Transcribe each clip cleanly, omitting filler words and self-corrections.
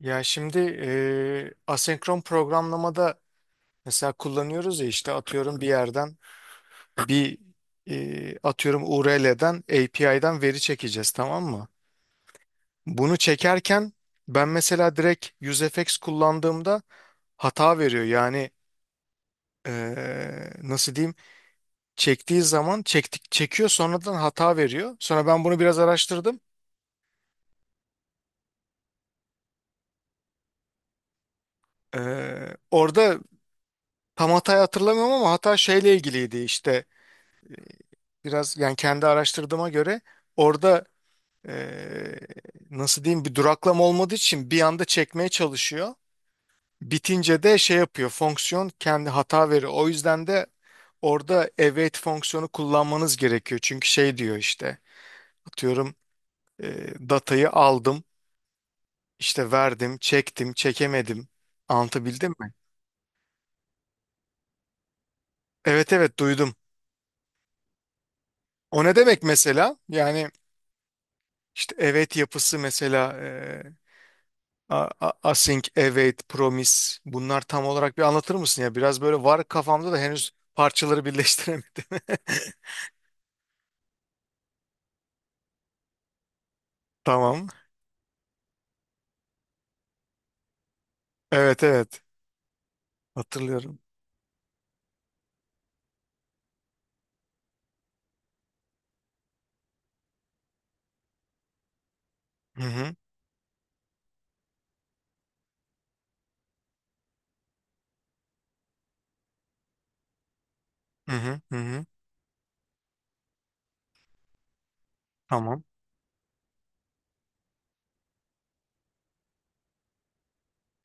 Ya şimdi asenkron programlamada mesela kullanıyoruz ya işte atıyorum bir yerden bir atıyorum URL'den API'den veri çekeceğiz, tamam mı? Bunu çekerken ben mesela direkt UseFX kullandığımda hata veriyor. Nasıl diyeyim, çektiği zaman çekiyor, sonradan hata veriyor. Sonra ben bunu biraz araştırdım. Orada tam hatayı hatırlamıyorum ama hata şeyle ilgiliydi işte. Biraz yani kendi araştırdığıma göre orada eee, nasıl diyeyim, bir duraklama olmadığı için bir anda çekmeye çalışıyor. Bitince de şey yapıyor, fonksiyon kendi hata veriyor. O yüzden de orada await fonksiyonu kullanmanız gerekiyor. Çünkü şey diyor işte, atıyorum, datayı aldım işte, verdim, çektim, çekemedim, anlatabildim mi? Evet, evet duydum. O ne demek mesela? Yani işte evet, yapısı mesela Async, Await, Promise, bunlar tam olarak bir anlatır mısın ya? Biraz böyle var kafamda da henüz parçaları birleştiremedim. Tamam. Evet, evet. Hatırlıyorum. Hı hı. Hı hı. Hı hı. Tamam.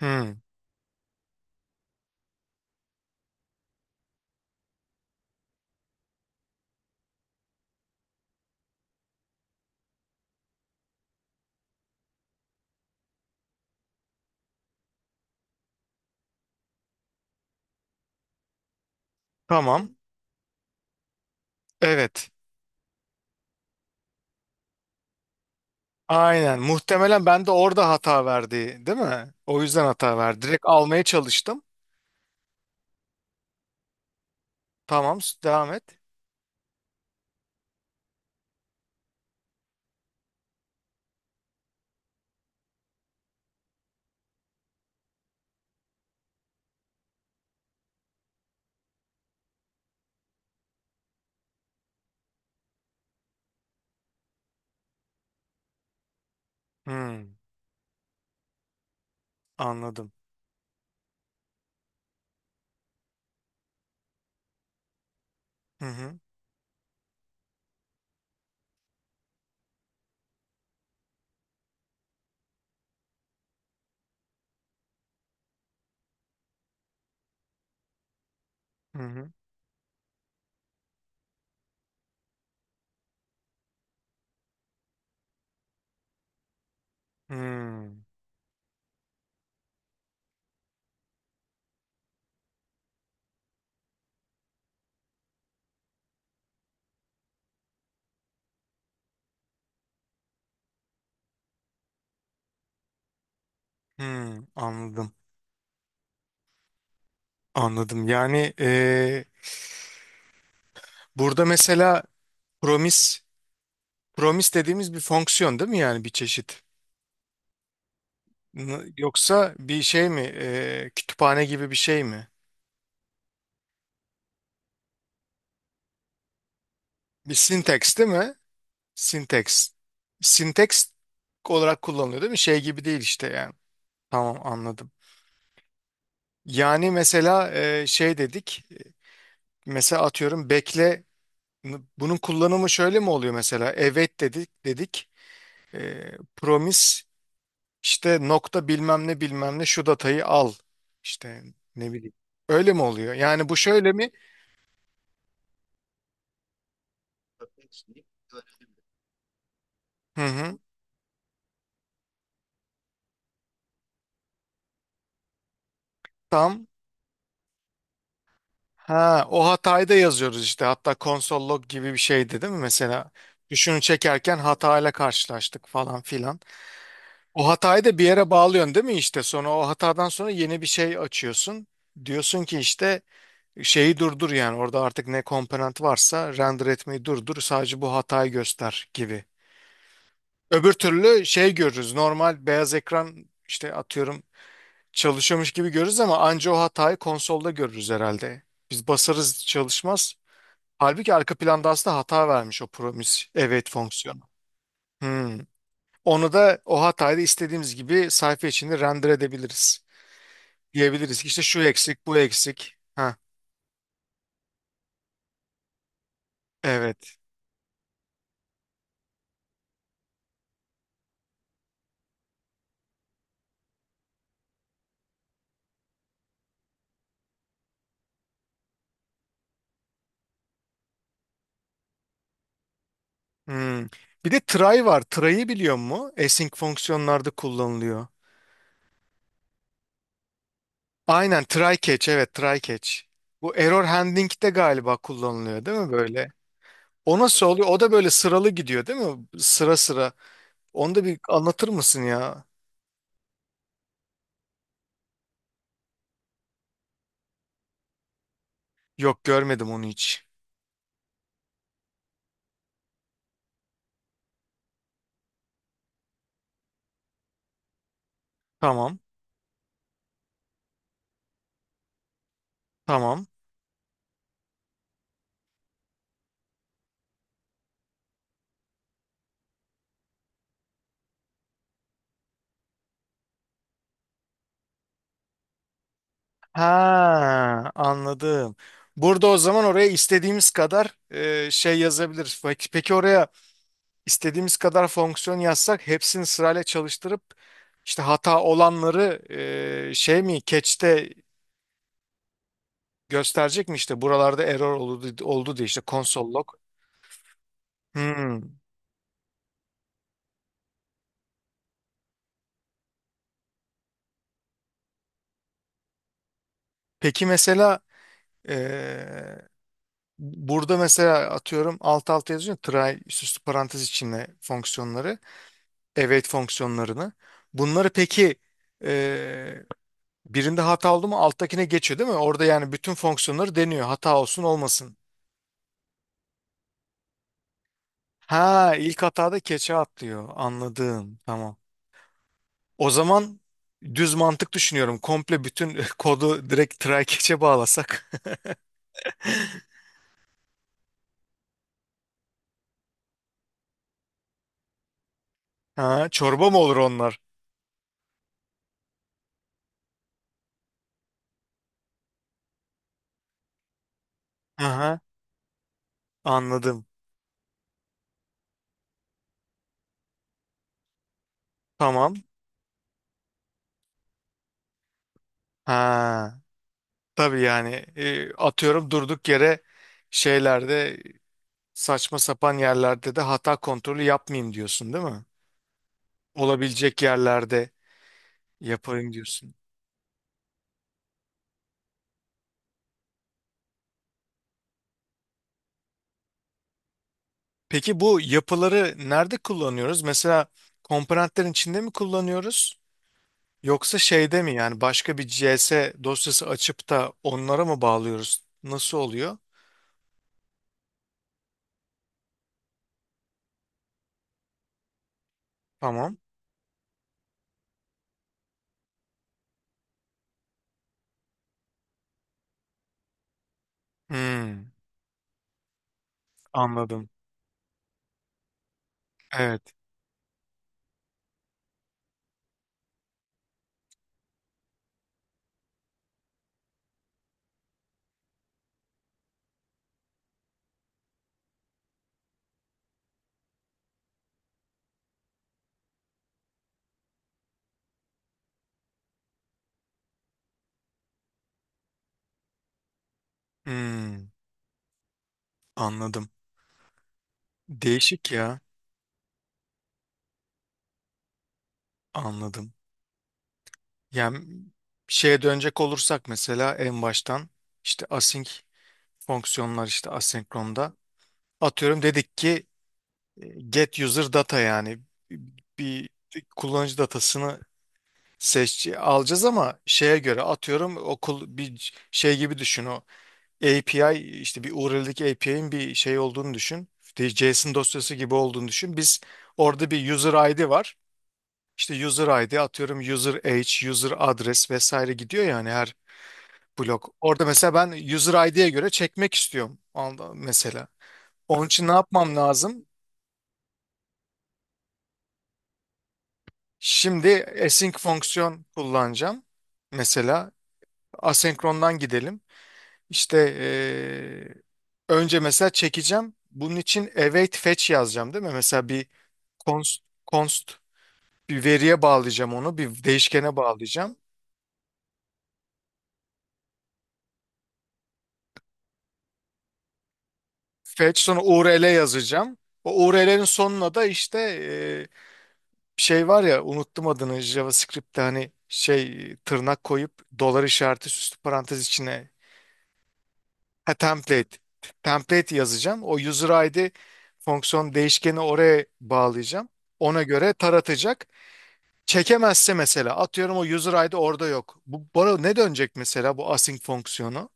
Hı. Tamam. Evet. Aynen. Muhtemelen ben de orada hata verdi, değil mi? O yüzden hata verdi. Direkt almaya çalıştım. Tamam. Devam et. Hı. Anladım. Hı hı. Hı hı. Hı. Hı. Anladım. Anladım. Burada mesela promise, promise dediğimiz bir fonksiyon değil mi yani, bir çeşit? Yoksa bir şey mi? E, kütüphane gibi bir şey mi? Bir syntax değil mi? Syntax. Syntax olarak kullanılıyor değil mi? Şey gibi değil işte yani. Tamam, anladım. Yani mesela e, şey dedik. E, mesela atıyorum bekle. Bunun kullanımı şöyle mi oluyor mesela? Evet, dedik. E, promise İşte nokta bilmem ne bilmem ne, şu datayı al. İşte ne bileyim. Öyle mi oluyor? Yani bu şöyle mi? Hı hı. Tam. Ha, o hatayı da yazıyoruz işte. Hatta console log gibi bir şeydi değil mi? Mesela düşünü çekerken hatayla karşılaştık falan filan. O hatayı da bir yere bağlıyorsun değil mi işte? Sonra o hatadan sonra yeni bir şey açıyorsun. Diyorsun ki işte, şeyi durdur, yani orada artık ne komponent varsa render etmeyi durdur, sadece bu hatayı göster gibi. Öbür türlü şey görürüz. Normal beyaz ekran işte atıyorum çalışıyormuş gibi görürüz ama anca o hatayı konsolda görürüz herhalde. Biz basarız, çalışmaz. Halbuki arka planda aslında hata vermiş o promise await fonksiyonu. Hmm. Onu da, o hatayı da istediğimiz gibi sayfa içinde render edebiliriz. Diyebiliriz ki işte şu eksik, bu eksik. Ha, evet. Hmm. Bir de try var. Try'ı biliyor mu? Async fonksiyonlarda kullanılıyor. Aynen, try catch, evet, try catch. Bu error handling de galiba kullanılıyor değil mi böyle? O nasıl oluyor? O da böyle sıralı gidiyor değil mi? Sıra sıra. Onu da bir anlatır mısın ya? Yok, görmedim onu hiç. Tamam, tamam. Ha, anladım. Burada o zaman oraya istediğimiz kadar e, şey yazabiliriz. Peki, peki oraya istediğimiz kadar fonksiyon yazsak hepsini sırayla çalıştırıp işte hata olanları e, şey mi, catch'te gösterecek mi işte, buralarda error oldu, oldu diye işte console log. Hmm. Peki mesela eee, burada mesela atıyorum alt alta yazıyor try süslü parantez içinde fonksiyonları, await fonksiyonlarını. Bunları peki eee, birinde hata oldu mu alttakine geçiyor değil mi? Orada yani bütün fonksiyonları deniyor hata olsun olmasın. Ha, ilk hatada keçe atlıyor, anladım, tamam. O zaman düz mantık düşünüyorum, komple bütün kodu direkt try keçe bağlasak. Ha, çorba mı olur onlar? Aha, anladım. Tamam. Ha, tabii yani e, atıyorum durduk yere şeylerde, saçma sapan yerlerde de hata kontrolü yapmayayım diyorsun değil mi? Olabilecek yerlerde yapayım diyorsun. Peki bu yapıları nerede kullanıyoruz? Mesela komponentlerin içinde mi kullanıyoruz? Yoksa şeyde mi yani, başka bir C/S dosyası açıp da onlara mı bağlıyoruz? Nasıl oluyor? Tamam. Hmm, anladım. Evet. Hmm, anladım. Değişik ya. Anladım. Yani şeye dönecek olursak, mesela en baştan işte async fonksiyonlar, işte asenkronda atıyorum dedik ki e, get user data, yani bir kullanıcı datasını seç alacağız ama şeye göre atıyorum okul bir şey gibi düşün, o API işte bir URL'deki API'nin bir şey olduğunu düşün. İşte JSON dosyası gibi olduğunu düşün. Biz orada bir user ID var. İşte user ID atıyorum, user age, user adres vesaire gidiyor yani her blok. Orada mesela ben user ID'ye göre çekmek istiyorum, mesela. Onun için ne yapmam lazım? Şimdi async fonksiyon kullanacağım. Mesela asenkrondan gidelim. İşte, önce mesela çekeceğim. Bunun için await fetch yazacağım değil mi? Mesela bir const, const bir veriye bağlayacağım onu, bir değişkene bağlayacağım. Fetch sonra URL yazacağım. O URL'lerin sonuna da işte e, şey var ya, unuttum adını, JavaScript'te hani şey tırnak koyup dolar işareti süslü parantez içine, ha, template yazacağım. O user ID fonksiyon değişkeni oraya bağlayacağım. Ona göre taratacak. Çekemezse mesela atıyorum o user ID orada yok. Bu bana ne dönecek mesela, bu async fonksiyonu?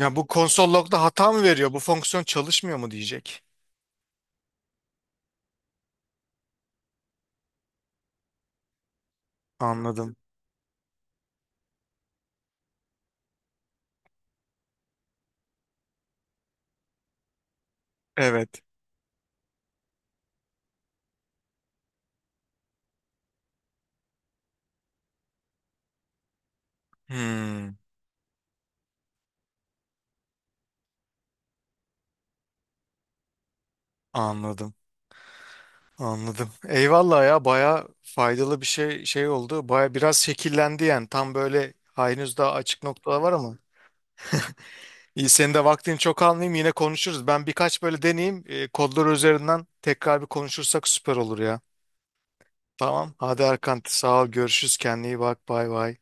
Ya bu konsol log'da hata mı veriyor? Bu fonksiyon çalışmıyor mu diyecek. Anladım. Evet. Hmm, anladım. Anladım. Eyvallah ya, baya faydalı bir şey oldu. Baya biraz şekillendi yani. Tam böyle henüz daha açık noktalar var ama. İyi, senin de vaktini çok almayayım, yine konuşuruz. Ben birkaç böyle deneyeyim. E, kodlar üzerinden tekrar bir konuşursak süper olur ya. Tamam. Hadi Erkan, sağ ol. Görüşürüz. Kendine iyi bak. Bay bay.